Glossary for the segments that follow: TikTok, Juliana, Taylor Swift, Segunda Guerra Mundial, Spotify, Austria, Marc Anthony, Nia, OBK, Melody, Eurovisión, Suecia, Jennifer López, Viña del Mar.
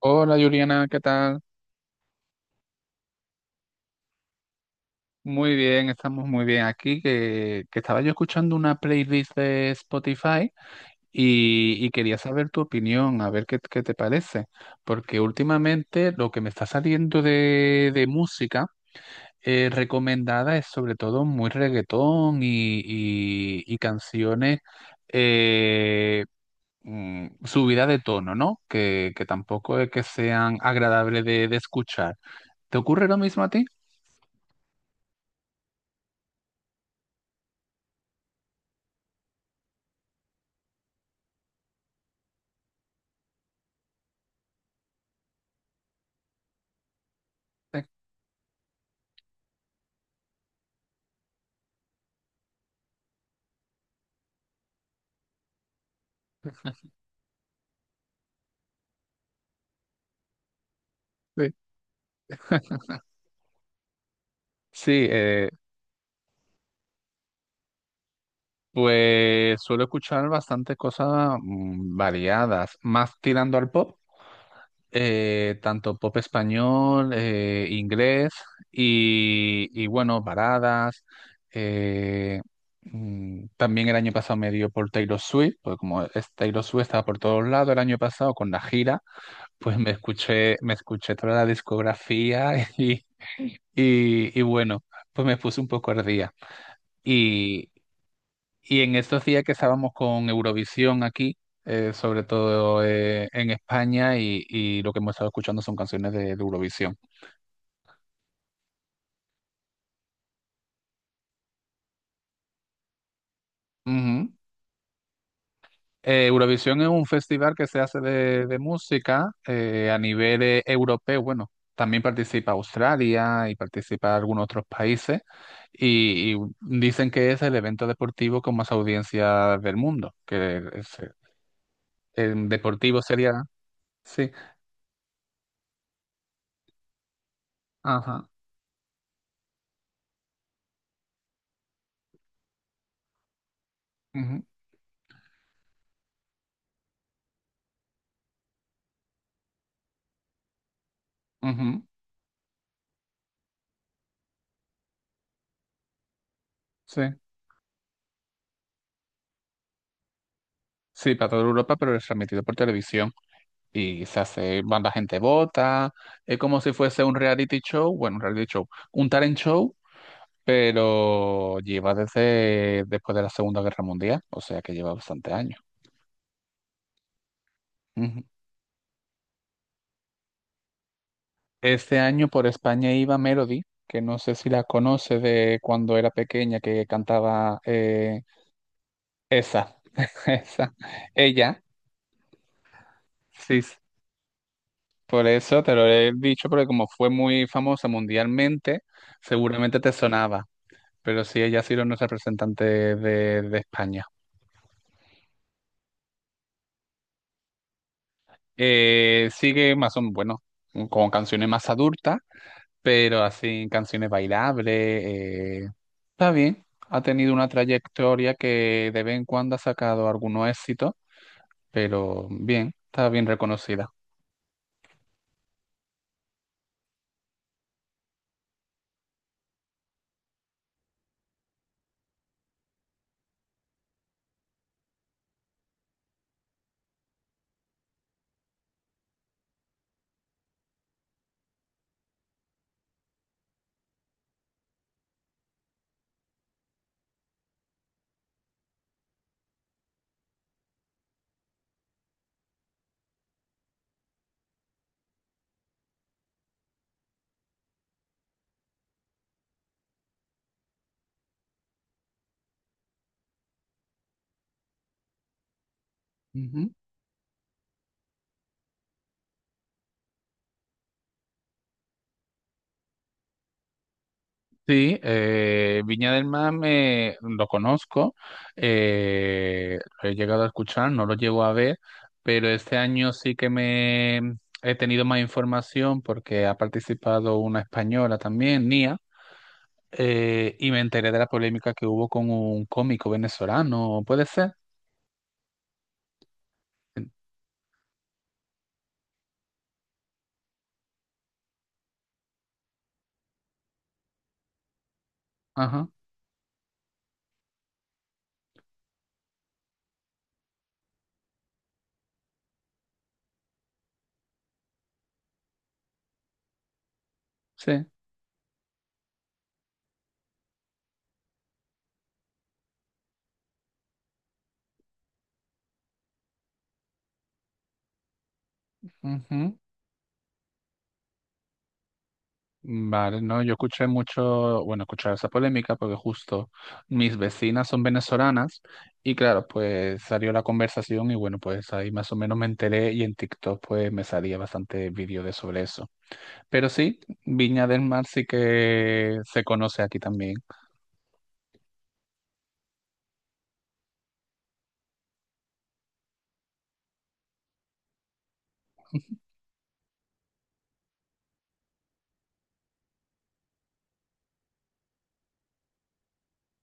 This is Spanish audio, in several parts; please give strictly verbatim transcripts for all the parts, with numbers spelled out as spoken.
Hola Juliana, ¿qué tal? Muy bien, estamos muy bien aquí, que, que estaba yo escuchando una playlist de Spotify y, y quería saber tu opinión, a ver qué, qué te parece, porque últimamente lo que me está saliendo de, de música eh, recomendada es sobre todo muy reggaetón y, y, y canciones eh, mm, subida de tono, ¿no? Que, que tampoco es que sean agradables de, de escuchar. ¿Te ocurre lo mismo a ti? Sí. Eh, pues suelo escuchar bastante cosas mm, variadas, más tirando al pop, eh, tanto pop español, eh, inglés y, y bueno, baladas. eh, mm, También el año pasado me dio por Taylor Swift, porque como es Taylor Swift estaba por todos lados el año pasado con la gira, pues me escuché, me escuché toda la discografía y, y, y bueno, pues me puse un poco al día. Y, Y en estos días que estábamos con Eurovisión aquí, eh, sobre todo eh, en España, y, y lo que hemos estado escuchando son canciones de, de Eurovisión. Ujú. Eh, Eurovisión es un festival que se hace de, de música eh, a nivel eh, europeo. Bueno, también participa Australia y participa algunos otros países, y, y dicen que es el evento deportivo con más audiencia del mundo, que es el deportivo sería... Sí, ajá. Ujú, ujú, sí. Sí, para toda Europa, pero es transmitido por televisión y se hace, van la gente vota, es como si fuese un reality show, bueno, un reality show, un talent show, pero lleva desde después de la Segunda Guerra Mundial, o sea que lleva bastante años. Ujú. Este año por España iba Melody, que no sé si la conoce de cuando era pequeña, que cantaba eh, esa, esa, ella, sí. Por eso te lo he dicho, porque como fue muy famosa mundialmente, seguramente te sonaba. Pero sí, ella ha sido nuestra representante de, de España. Eh, sigue más o menos, bueno, con canciones más adultas, pero así canciones bailables. eh, Está bien, ha tenido una trayectoria que de vez en cuando ha sacado algunos éxitos, pero bien, está bien reconocida. Ujú. Sí, eh, Viña del Mar me, lo conozco, eh, lo he llegado a escuchar, no lo llego a ver, pero este año sí que me he tenido más información porque ha participado una española también, Nia, eh, y me enteré de la polémica que hubo con un cómico venezolano, ¿puede ser? Ajá, sí. Ujú. Vale, no, yo escuché mucho, bueno, escuché esa polémica porque justo mis vecinas son venezolanas y claro, pues salió la conversación y bueno, pues ahí más o menos me enteré y en TikTok pues me salía bastante vídeo de sobre eso. Pero sí, Viña del Mar sí que se conoce aquí también.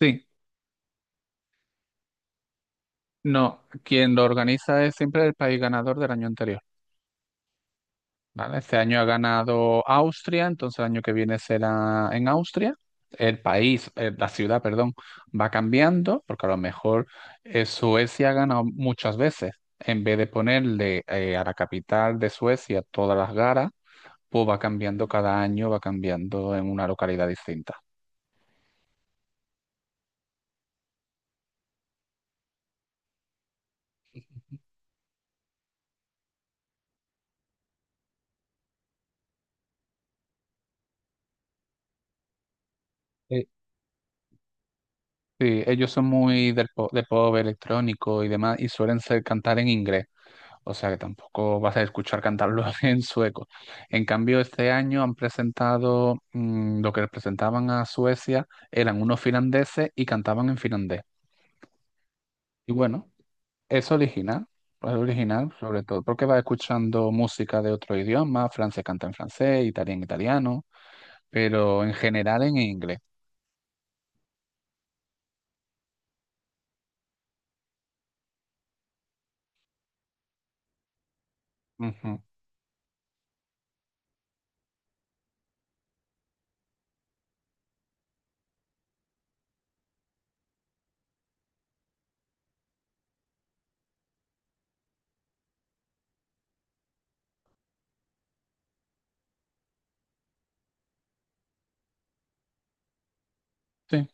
Sí, no, quien lo organiza es siempre el país ganador del año anterior. ¿Vale? Este año ha ganado Austria, entonces el año que viene será en Austria. El país, eh, la ciudad, perdón, va cambiando, porque a lo mejor eh, Suecia ha ganado muchas veces. En vez de ponerle eh, a la capital de Suecia todas las garas, pues va cambiando cada año, va cambiando en una localidad distinta. Eh, Sí, ellos son muy del pop, de pop electrónico y demás, y suelen ser, cantar en inglés. O sea que tampoco vas a escuchar cantarlo en sueco. En cambio, este año han presentado mm, lo que presentaban a Suecia, eran unos finlandeses y cantaban en finlandés. Y bueno, es original, es original sobre todo porque vas escuchando música de otro idioma, Francia canta en francés, italiano en italiano, pero en general en inglés. Ujú, sí,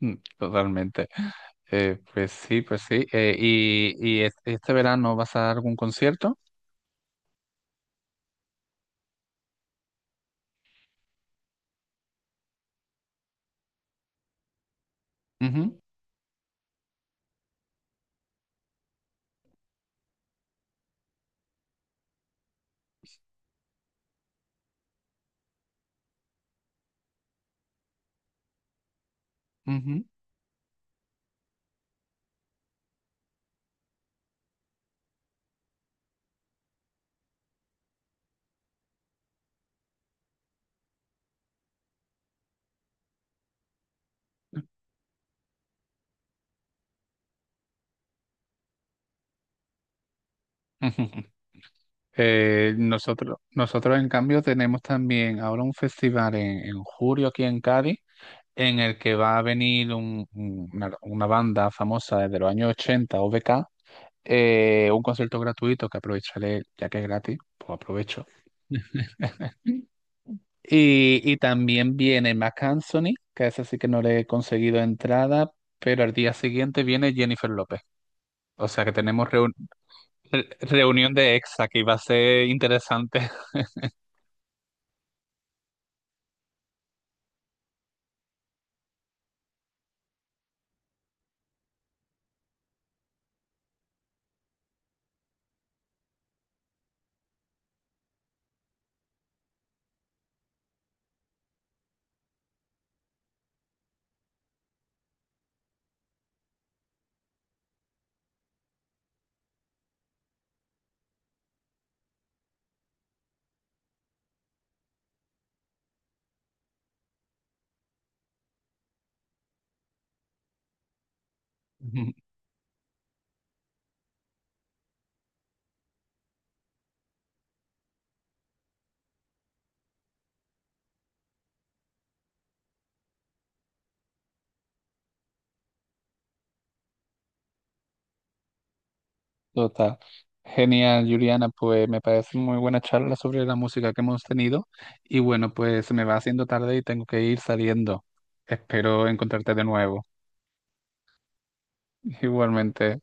mm, totalmente. Eh, pues sí, pues sí. Eh, y, y es- ¿este verano vas a dar algún concierto? Ujú, ujú. Ujú. Eh, nosotros, nosotros, en cambio, tenemos también ahora un festival en, en julio aquí en Cádiz, en el que va a venir un- un- una, una banda famosa desde los años ochenta, O B K, eh, un concierto gratuito que aprovecharé, ya que es gratis, pues aprovecho. Y, y también viene Marc Anthony, que ese sí que no le he conseguido entrada, pero al día siguiente viene Jennifer López. O sea que tenemos reun- re- reunión de ex aquí, va a ser interesante. Total. Genial, Juliana, pues me parece muy buena charla sobre la música que hemos tenido y bueno, pues se me va haciendo tarde y tengo que ir saliendo. Espero encontrarte de nuevo. Igualmente.